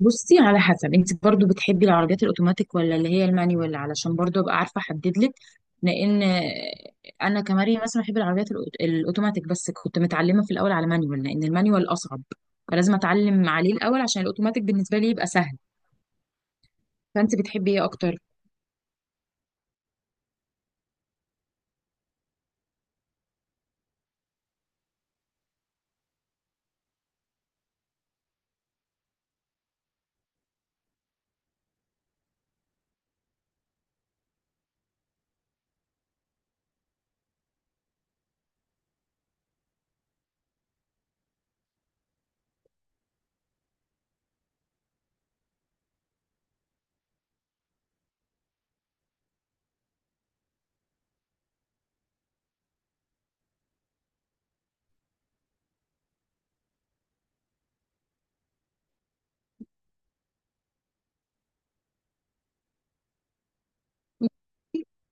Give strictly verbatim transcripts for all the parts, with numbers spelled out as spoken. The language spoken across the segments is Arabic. بصي، على حسب انت برضو بتحبي العربيات الاوتوماتيك ولا اللي هي المانيوال، علشان برضو ابقى عارفه احدد لك. لان انا كماري مثلا بحب العربيات الأوت- الاوتوماتيك، بس كنت متعلمه في الاول على مانيوال لان المانيوال اصعب، فلازم اتعلم عليه الاول عشان الاوتوماتيك بالنسبه لي يبقى سهل. فانت بتحبي ايه اكتر؟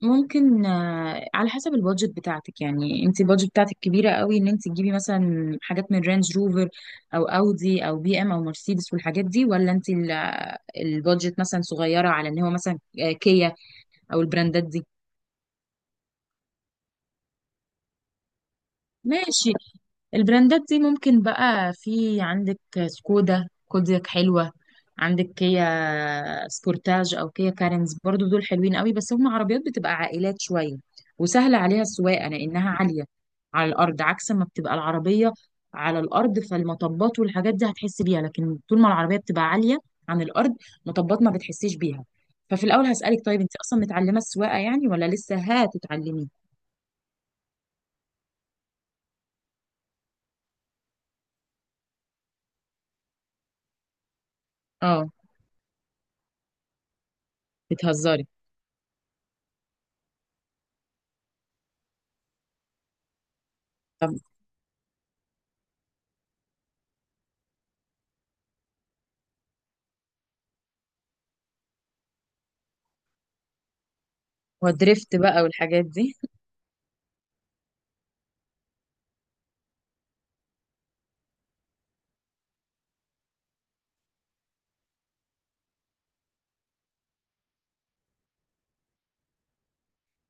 ممكن، آه، على حسب البادجت بتاعتك. يعني انت البادجت بتاعتك كبيره قوي ان انت تجيبي مثلا حاجات من رينج روفر او اودي او بي ام او مرسيدس والحاجات دي، ولا انت ال- البادجت مثلا صغيره على ان هو مثلا آه، كيا او البراندات دي. ماشي، البراندات دي ممكن بقى في عندك سكودا كودياك حلوة، عندك كيا سبورتاج أو كيا كارنز، برضو دول حلوين قوي بس هم عربيات بتبقى عائلات شوية، وسهلة عليها السواقة لأنها عالية على الأرض، عكس ما بتبقى العربية على الأرض فالمطبات والحاجات دي هتحس بيها، لكن طول ما العربية بتبقى عالية عن الأرض، مطبات ما بتحسيش بيها. ففي الأول هسألك، طيب أنت أصلا متعلمة السواقة يعني ولا لسه هتتعلمي؟ اه، بتهزري. طب ودريفت بقى والحاجات دي.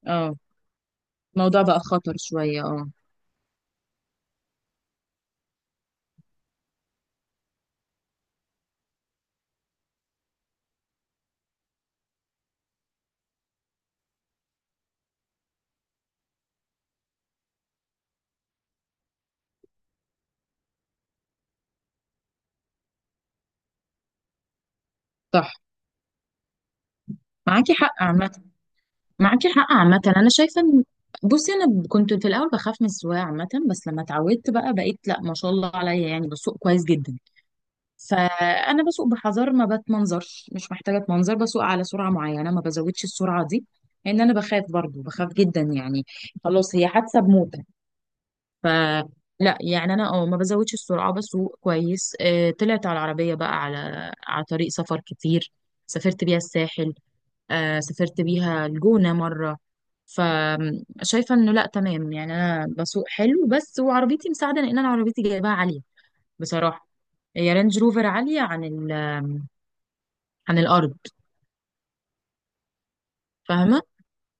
اه، الموضوع بقى خطر شوية، اه. صح، معاكي حق عامة. معاكي حق عامة. أنا شايفة إن، بصي أنا كنت في الأول بخاف من السواقة عامة، بس لما اتعودت بقى بقيت لأ، ما شاء الله عليا، يعني بسوق كويس جدا. فأنا بسوق بحذر، ما بتمنظرش، مش محتاجة أتمنظر، بسوق على سرعة معينة ما بزودش السرعة دي، لأن أنا بخاف، برضو بخاف جدا، يعني خلاص هي حادثة بموت. ف، لا يعني انا اه ما بزودش السرعه، بسوق كويس. آه طلعت على العربيه بقى على على طريق سفر كتير، سافرت بيها الساحل، آه سافرت بيها الجونه مره. فشايفه انه لا تمام، يعني انا بسوق حلو، بس وعربيتي مساعده لان انا عربيتي جايباها عاليه بصراحه. هي رينج روفر عاليه عن ال... عن الارض. فاهمه.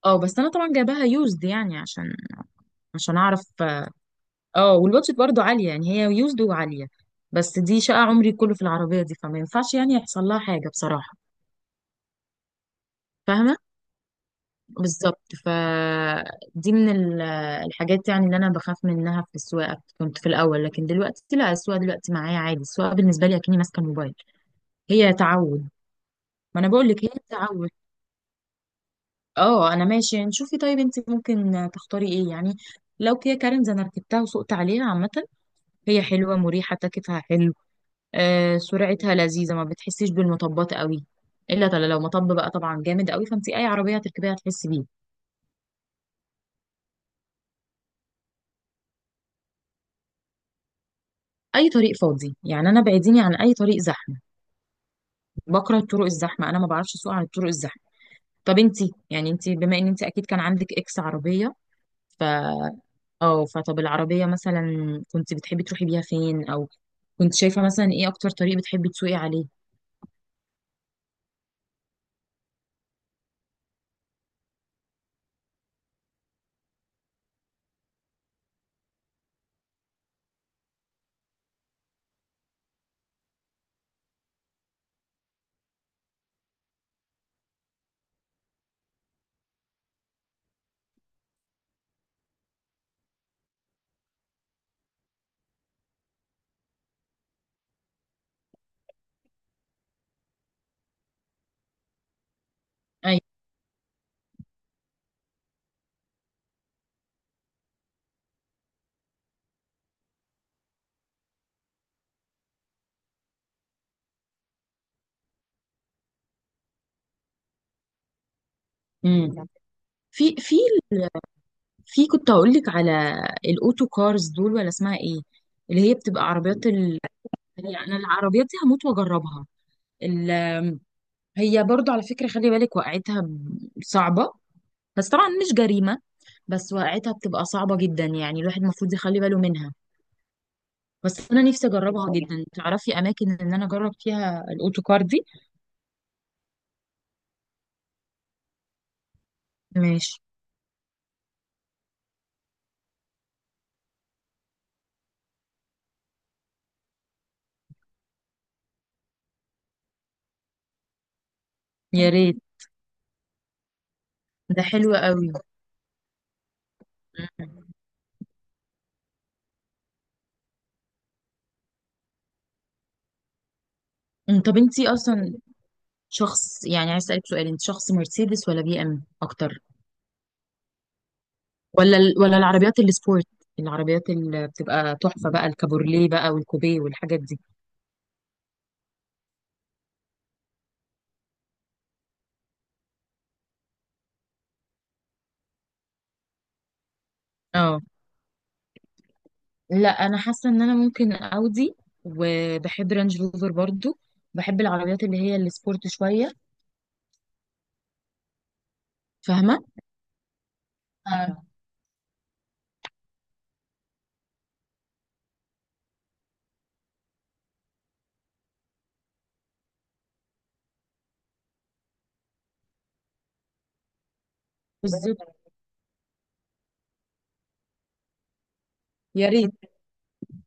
اه بس انا طبعا جايباها يوزد، يعني عشان، عشان اعرف. اه والبادجت برضه عالية، يعني هي يوزد وعالية، بس دي شقة عمري كله في العربية دي، فما ينفعش يعني يحصل لها حاجة بصراحة. فاهمة بالظبط، فدي من ال- الحاجات يعني اللي أنا بخاف منها في السواقة، كنت في الأول، لكن دلوقتي لا، السواقة دلوقتي معايا عادي، السواقة بالنسبة لي أكني ماسكة الموبايل، هي تعود. ما أنا بقول لك هي تعود. اه أنا ماشي، يعني شوفي طيب أنت ممكن تختاري إيه يعني؟ لو كيا كارنز أنا ركبتها وسقت عليها عامة، هي حلوة مريحة، تكتها حلو، آه، سرعتها لذيذة، ما بتحسيش بالمطبات قوي، إلا طل- لو مطب بقى طبعا جامد قوي فانت أي عربية هتركبيها هتحسي بيه. أي طريق فاضي، يعني أنا بعيديني عن أي طريق زحمة، بكره الطرق الزحمة، أنا ما بعرفش أسوق عن الطرق الزحمة. طب أنت، يعني أنت بما إن أنت أكيد كان عندك إكس عربية، ف، اه فطب العربية مثلا كنت بتحبي تروحي بيها فين، أو كنت شايفة مثلا إيه أكتر طريق بتحبي تسوقي عليه؟ أي، امم، في في في كنت هقول لك على الاوتو كارز دول ولا اسمها ايه، اللي هي بتبقى عربيات ال... يعني انا العربيات دي هموت واجربها. ال... هي برضو على فكرة خلي بالك وقعتها ب- صعبة، بس طبعا مش جريمة، بس وقعتها بتبقى صعبة جدا، يعني الواحد المفروض يخلي باله منها. بس انا نفسي اجربها جدا، تعرفي اماكن ان انا اجرب فيها الاوتو كار دي؟ ماشي. يا ريت، ده حلو قوي. أمم. طب انتي اصلا شخص، يعني عايز اسالك سؤال، انت شخص مرسيدس ولا بي ام اكتر، ولا ال... ولا العربيات السبورت، العربيات اللي بتبقى تحفة بقى الكابورليه بقى والكوبيه والحاجات دي؟ اه، لا انا حاسة ان انا ممكن اودي، وبحب رانج روفر برضو، بحب العربيات اللي هي السبورت شوية. فاهمة. آه. بالظبط. يا ريت،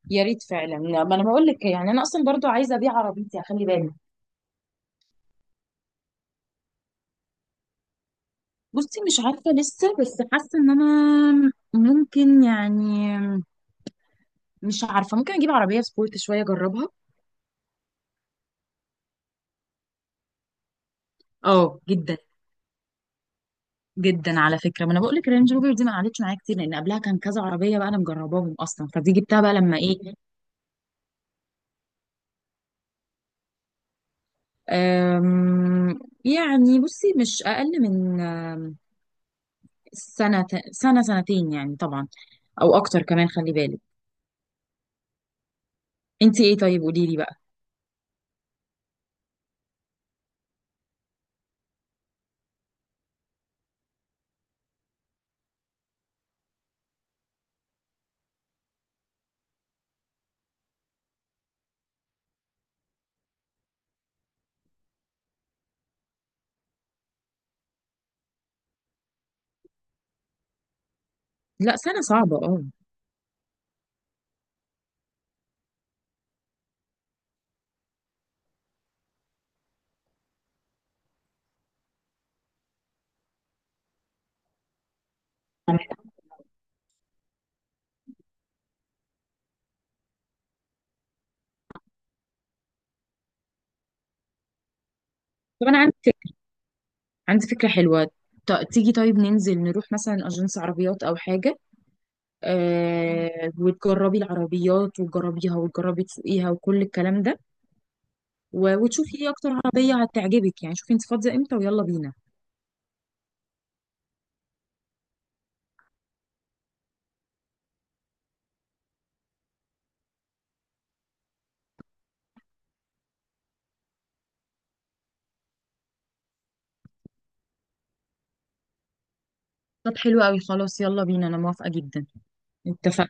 يا ريت فعلا. لا، ما انا بقول لك، يعني انا اصلا برضو عايزه ابيع عربيتي، خلي بالك. بصي مش عارفه لسه، بس حاسه ان انا ممكن يعني، مش عارفه، ممكن اجيب عربيه سبورت شويه اجربها. اه جدا، جدا، على فكره ما انا بقول لك رينج روفر دي ما قعدتش معايا كتير، لان قبلها كان كذا عربيه بقى انا مجرباهم اصلا، فدي جبتها بقى لما ايه. أم، يعني بصي مش اقل من أم، سنه، سنه سنتين، يعني طبعا، او اكتر كمان خلي بالك. انت ايه طيب قولي لي بقى. لا سنه صعبه، اه. طب انا عندي فكره، عندي فكره حلوه، ط- تيجي طيب ننزل نروح مثلا اجنس عربيات او حاجه، آه وتجربي العربيات وتجربيها وتجربي تسوقيها وكل الكلام ده، و- وتشوفي ايه اكتر عربية هتعجبك، يعني شوفي انت فاضية امتى ويلا بينا. طب حلو قوي، خلاص يلا بينا، انا موافقة جدا. اتفقنا.